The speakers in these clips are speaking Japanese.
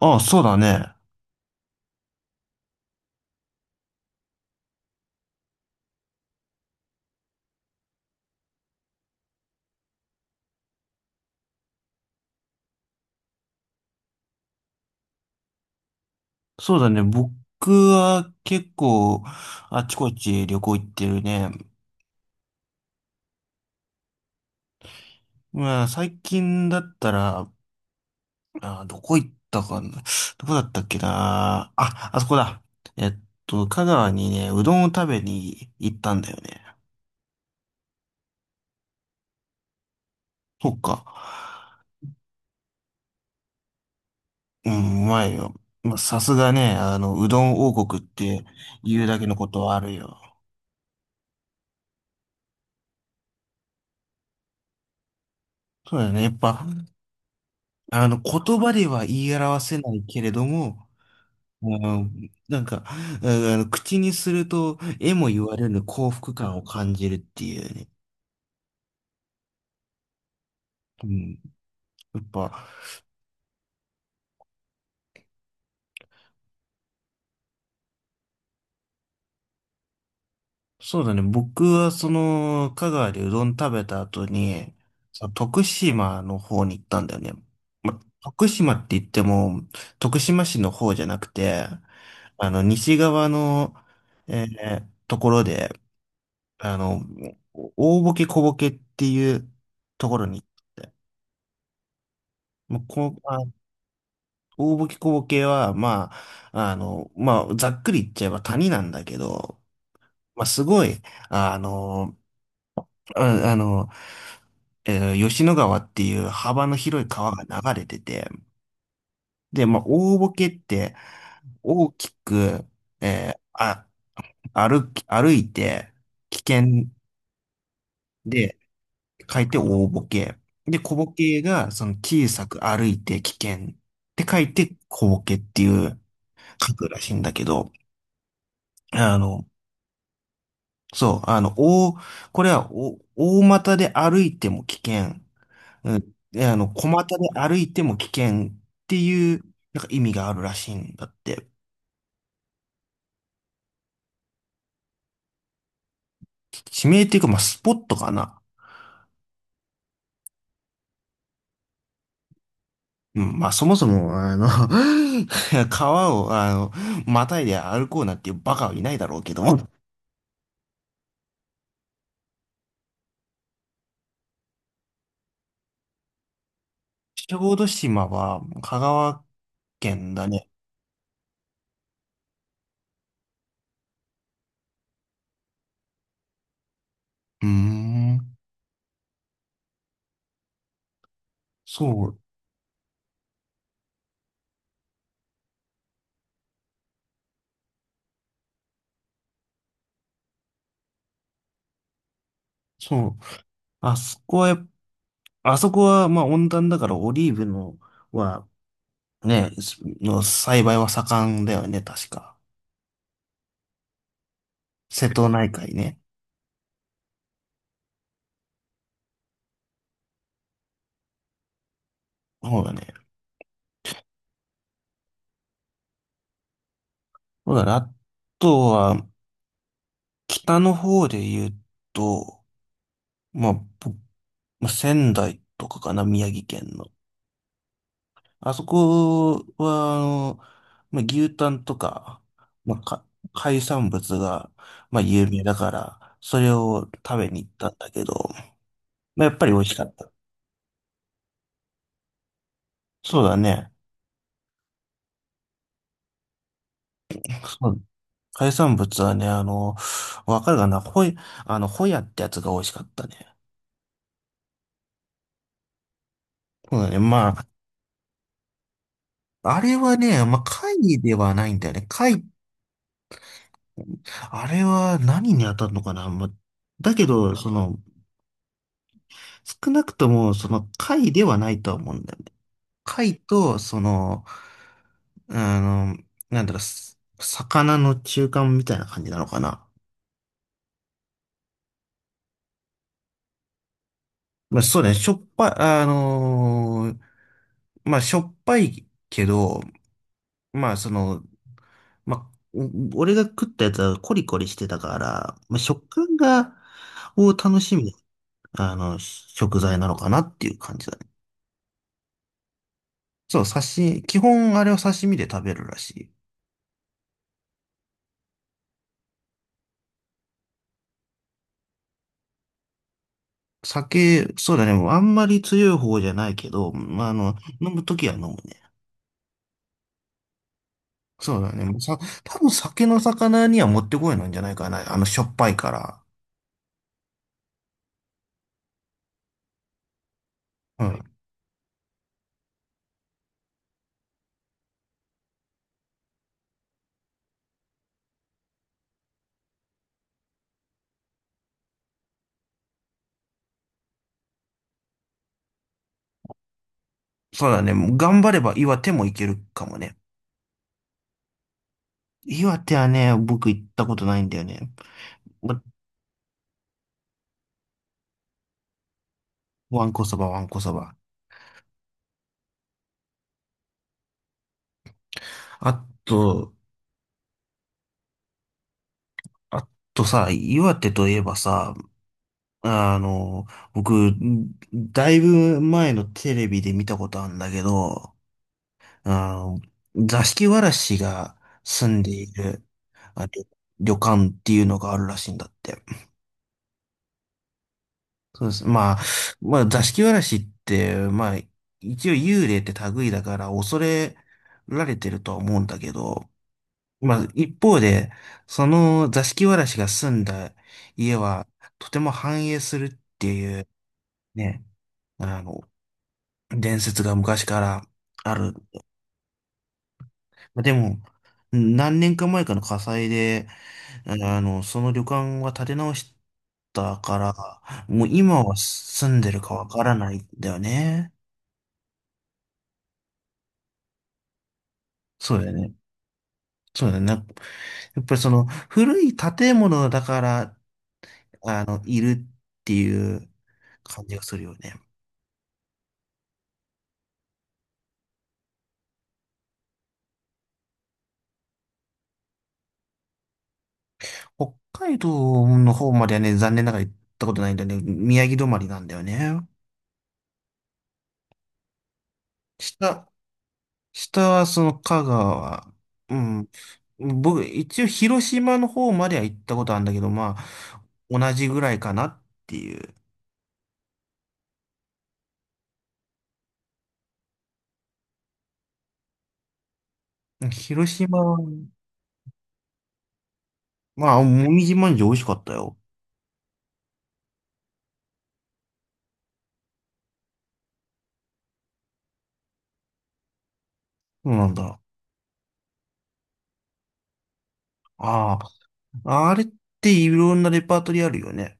ああ、そうだね。そうだね。僕は結構あちこち旅行行ってるね。まあ最近だったら、どこ行ったかな。どこだったっけな。あ、あそこだ。えっ香川にね、うどんを食べに行ったんだよね。そっか。うん、うまいよ。まあ、さすがね、うどん王国って言うだけのことはあるよ。そうだよね。やっぱ、言葉では言い表せないけれども、うん、なんか、う口にすると、絵も言われるの幸福感を感じるっていうね。うん。やっぱ、そうだね。僕は、その、香川でうどん食べた後に、その徳島の方に行ったんだよね。ま、徳島って言っても、徳島市の方じゃなくて、西側の、えーところで、あの、大ボケ小ボケっていうところに行って、もうこう、あ大ボキ小ボケは、まあ、ざっくり言っちゃえば谷なんだけど、まあ、すごい、あの、あ、あの、吉野川っていう幅の広い川が流れてて、で、まあ、大ボケって大きく、えーあ、歩いて危険で書いて大ボケ。で、小ボケがその小さく歩いて危険って書いて小ボケっていう書くらしいんだけど、あの、そう、あの、大、これはお大股で歩いても危険。うん。で、小股で歩いても危険っていう、なんか意味があるらしいんだって。地名っていうか、まあ、スポットかな。うん、まあ、そもそも、あの 川を、あの、またいで歩こうなんていうバカはいないだろうけども。小豆島は、香川県だね。うーん。そう、そう。あそこはやっあそこは、まあ、温暖だからオリーブの、は、ね、の栽培は盛んだよね、確か。瀬戸内海ね。そうだね。そうだね。あとは、北の方で言うと、まあ、ぼまあ仙台とかかな、宮城県の。あそこは、まあ、牛タンとか、まあ、か海産物が、まあ、有名だから、それを食べに行ったんだけど、まあ、やっぱり美味しかった。そうだね。そう、海産物はね、あの、わかるかなホイ、あの、ホヤってやつが美味しかったね。そうだね。まあ、あれはね、まあ、貝ではないんだよね。貝、あれは何に当たるのかな、まあ、だけど、その、少なくとも、その、貝ではないとは思うんだよね。貝と、その、あの、なんだろう、す魚の中間みたいな感じなのかな。まあ、そうね、しょっぱい、あのーまあ、しょっぱいけど、まあ、その、まあ、お俺が食ったやつはコリコリしてたから、まあ、食感が、を楽しみ、あの、食材なのかなっていう感じだね。そう、刺身、基本あれは刺身で食べるらしい。酒、そうだね、もうあんまり強い方じゃないけど、まあ、あの、飲むときは飲むね。そうだね、もうさ、多分酒の魚にはもってこいなんじゃないかな。あの、しょっぱいから。うん。そうだね、もう頑張れば岩手もいけるかもね。岩手はね、僕行ったことないんだよね。わんこそば。あと、あとさ、岩手といえばさ、あの、僕、だいぶ前のテレビで見たことあるんだけど、あの、座敷わらしが住んでいる、あ、旅旅館っていうのがあるらしいんだって。そうです。まあ、座敷わらしって、まあ、一応幽霊って類だから恐れられてるとは思うんだけど、まあ、一方で、その座敷わらしが住んだ家は、とても繁栄する、ね、あの、伝説が昔からある。まあ、でも、何年か前かの火災で、あの、その旅館は建て直したから、もう今は住んでるかわからないんだよね。そうだよね。そうだよね。やっぱりその古い建物だから、あの、いるっていう感じがするよね。北海道の方まではね、残念ながら行ったことないんだよね。宮城止まりなんだよね。下、下はその香川。うん。僕、一応広島の方までは行ったことあるんだけど、まあ、同じぐらいかなっていう。広島は、まあ、もみじまんじゅう美味しかったよ。そうなんだ。ああ、あれっていろんなレパートリーあるよね。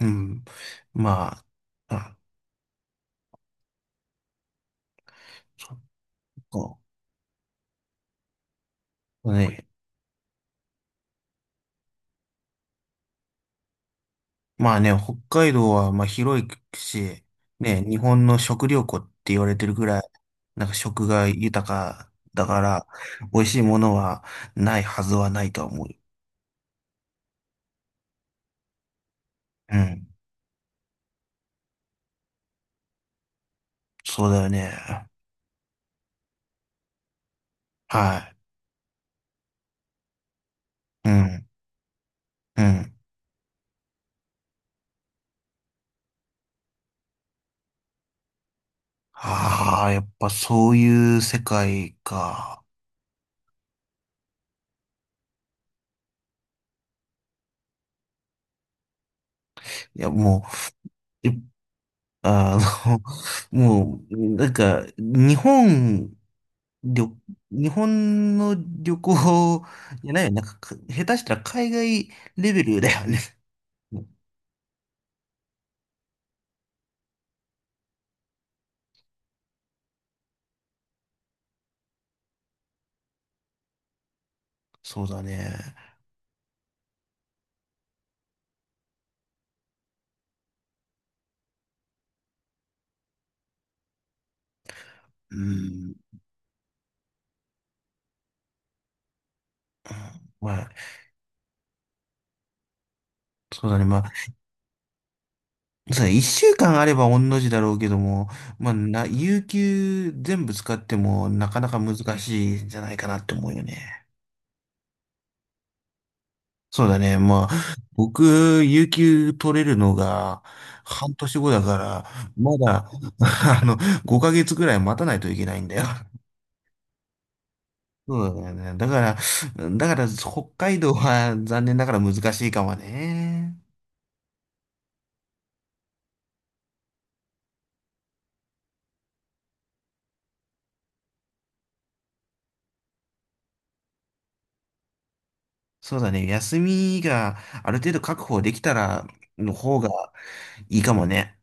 うん。まあ、あ、そっか。ね。まあね、北海道はまあ広いし、ね、日本の食料庫って言われてるぐらい、なんか食が豊かだから、美味しいものはないはずはないとは思う。うん。そうだよね。はい。うん。うん。ああ、やっぱそういう世界か。いや、もう、いあの、もう、なんか、りょ日本の旅行じゃないよ。なんか、か下手したら海外レベルだよね。そうだね。うん。まあ、そうだね。まあ、そうだね。一週間あれば御の字だろうけども、まあ、な、有給全部使ってもなかなか難しいんじゃないかなって思うよね。そうだね。まあ、僕、有給取れるのが半年後だから、まだ、あの、5ヶ月ぐらい待たないといけないんだよ。そうだよね。だから、北海道は残念ながら難しいかもね。そうだね。休みがある程度確保できたらの方がいいかもね。